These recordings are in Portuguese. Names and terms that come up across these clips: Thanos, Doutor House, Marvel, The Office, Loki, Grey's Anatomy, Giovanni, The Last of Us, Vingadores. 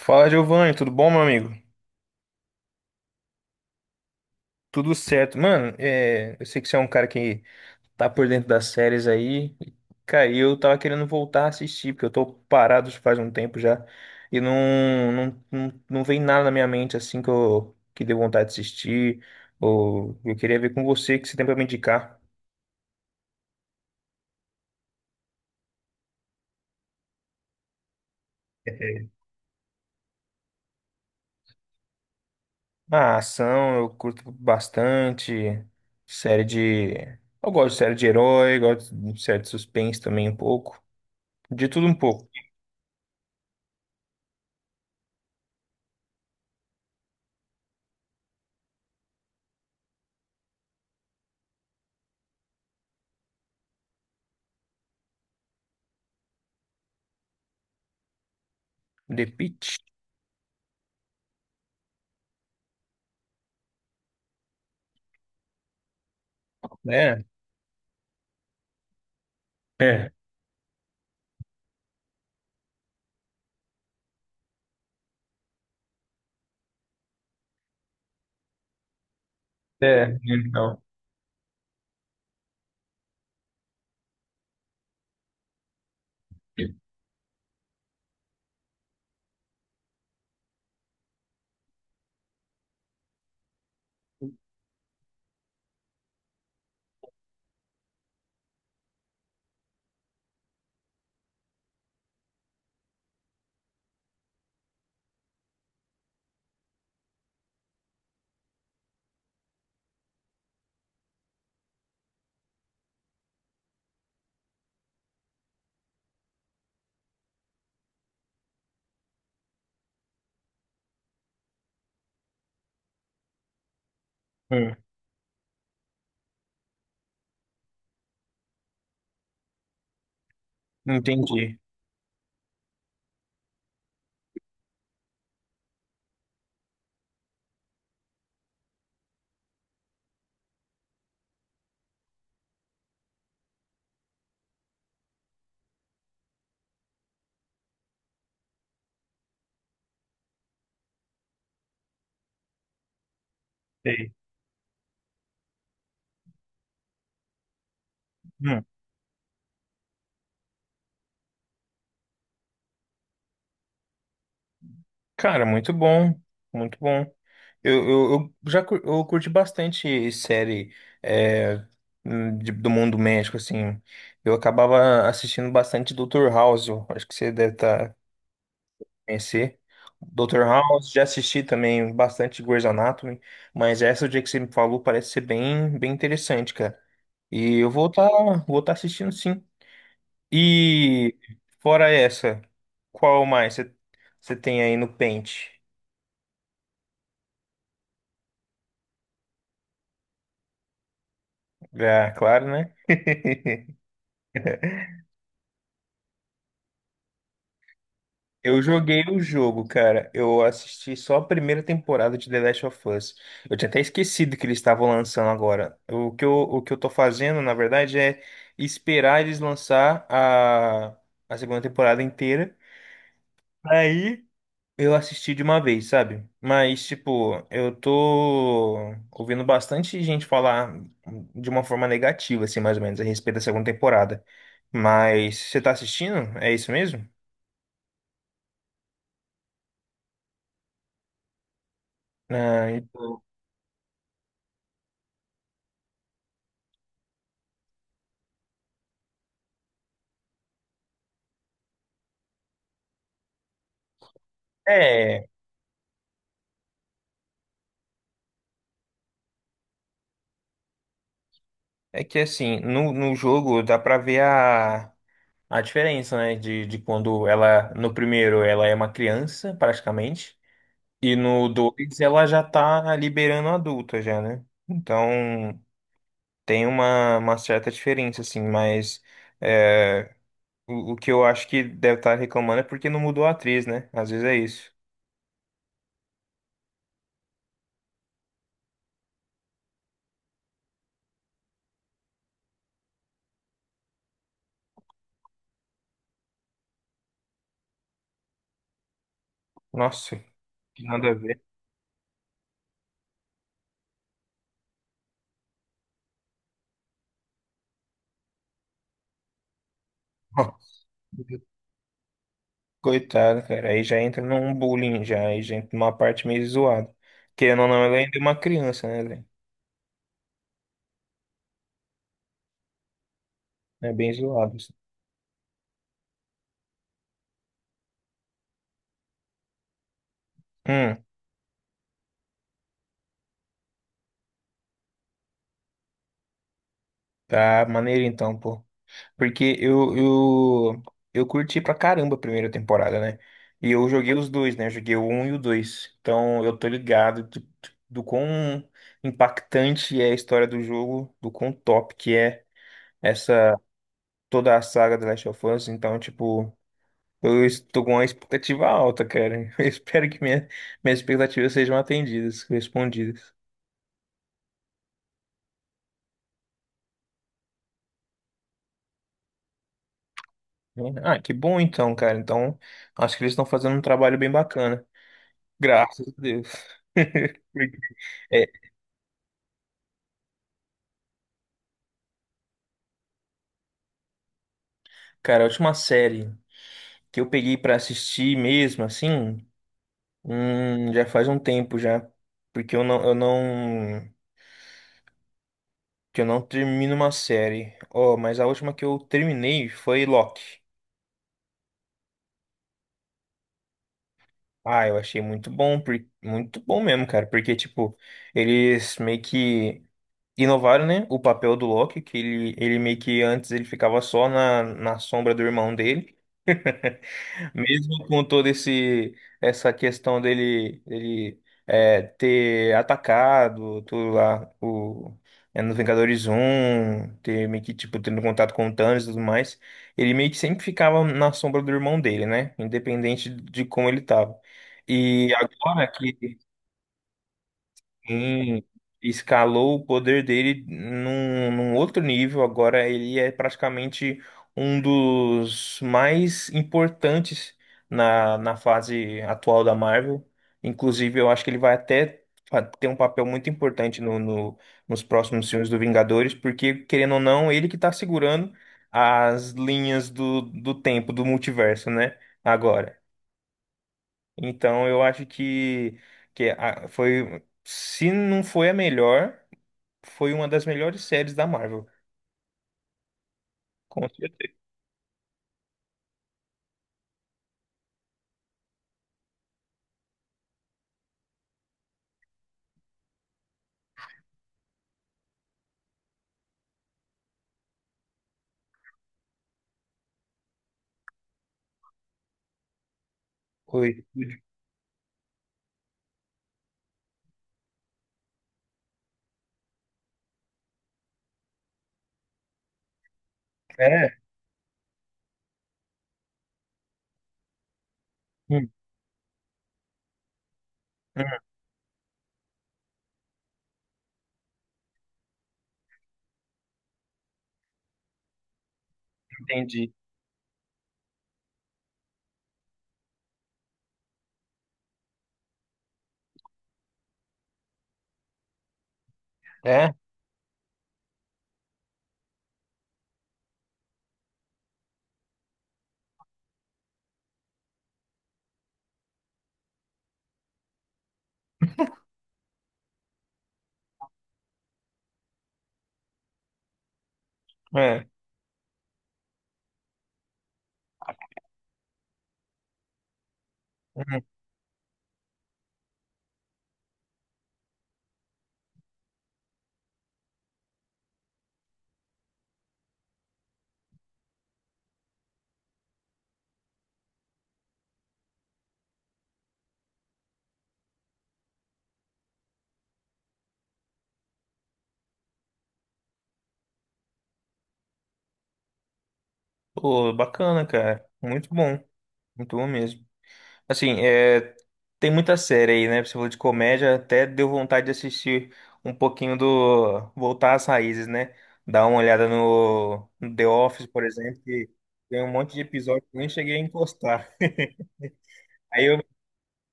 Fala, Giovanni, tudo bom, meu amigo? Tudo certo. Mano, é, eu sei que você é um cara que tá por dentro das séries aí. Cara, e eu tava querendo voltar a assistir, porque eu tô parado faz um tempo já. E não, não, não, não vem nada na minha mente assim que eu que deu vontade de assistir. Ou eu queria ver com você que você tem pra me indicar. A ação, eu curto bastante. Série de. Eu gosto de série de herói, gosto de série de suspense também um pouco. De tudo um pouco. The Pitt. Né? É, É, então. hum, entendi. Sei. Hum, cara, muito bom, muito bom. Eu já cur- eu curti bastante série é, do mundo médico, assim. Eu acabava assistindo bastante Doutor House, eu acho que você deve conhecer. Doutor House, já assisti também bastante Grey's Anatomy, mas essa o dia que você me falou parece ser bem, bem interessante, cara. E eu vou tá assistindo sim. E fora essa, qual mais você tem aí no pente? Ah, claro, né? Eu joguei o jogo, cara. Eu assisti só a primeira temporada de The Last of Us. Eu tinha até esquecido que eles estavam lançando agora. O que eu tô fazendo, na verdade, é esperar eles lançar a segunda temporada inteira. Aí. Eu assisti de uma vez, sabe? Mas, tipo, eu tô ouvindo bastante gente falar de uma forma negativa, assim, mais ou menos, a respeito da segunda temporada. Mas você tá assistindo? É isso mesmo? Ah, é, é que assim, no jogo dá pra ver a diferença, né? De quando ela, no primeiro, ela é uma criança, praticamente, e no dois ela já tá liberando adulta já, né? Então. Tem uma certa diferença, assim, mas é, o que eu acho que deve estar reclamando é porque não mudou a atriz, né? Às vezes é isso. Nossa, que nada a ver. Nossa, coitado, cara, aí já entra num bullying, já, aí já entra numa parte meio zoada. Querendo ou não, ela ainda é uma criança, né, velho? É bem zoado, assim. Hum, tá maneiro então, pô. Porque eu curti pra caramba a primeira temporada, né? E eu joguei os dois, né? Joguei o 1 e o 2. Então eu tô ligado do quão impactante é a história do jogo, do quão top que é essa toda a saga The Last of Us. Então, tipo, eu estou com uma expectativa alta, cara. Eu espero que minhas expectativas sejam atendidas, respondidas. Ah, que bom então, cara. Então, acho que eles estão fazendo um trabalho bem bacana. Graças a Deus. É, cara, a última série que eu peguei pra assistir mesmo, assim, já faz um tempo já, porque eu não, que eu não termino uma série. Oh, mas a última que eu terminei foi Loki. Ah, eu achei muito bom, muito bom mesmo, cara, porque tipo, eles meio que inovaram, né, o papel do Loki, que ele meio que antes ele ficava só na sombra do irmão dele. Mesmo com toda esse essa questão dele ele ter atacado tudo lá nos Vingadores um ter meio que tipo tendo contato com o Thanos e tudo mais, ele meio que sempre ficava na sombra do irmão dele, né? Independente de como ele tava. E agora que. Sim, escalou o poder dele num outro nível. Agora ele é praticamente um dos mais importantes na fase atual da Marvel. Inclusive, eu acho que ele vai até ter um papel muito importante nos próximos filmes do Vingadores, porque, querendo ou não, ele que está segurando as linhas do tempo, do multiverso, né? Agora. Então eu acho que, foi, se não foi a melhor, foi uma das melhores séries da Marvel. Com certeza. Foi. É. Hum, hum, entendi. É, é. Hum. Pô, bacana, cara. Muito bom. Muito bom mesmo. Assim, é, tem muita série aí, né? Você falou de comédia, até deu vontade de assistir um pouquinho do. Voltar às raízes, né? Dar uma olhada no The Office, por exemplo, que tem um monte de episódio que eu nem cheguei a encostar. Aí eu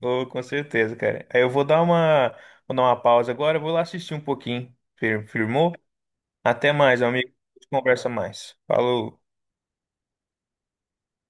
vou, com certeza, cara. Aí eu vou dar uma pausa agora, vou lá assistir um pouquinho. Firmou? Até mais, amigo. A gente conversa mais. Falou.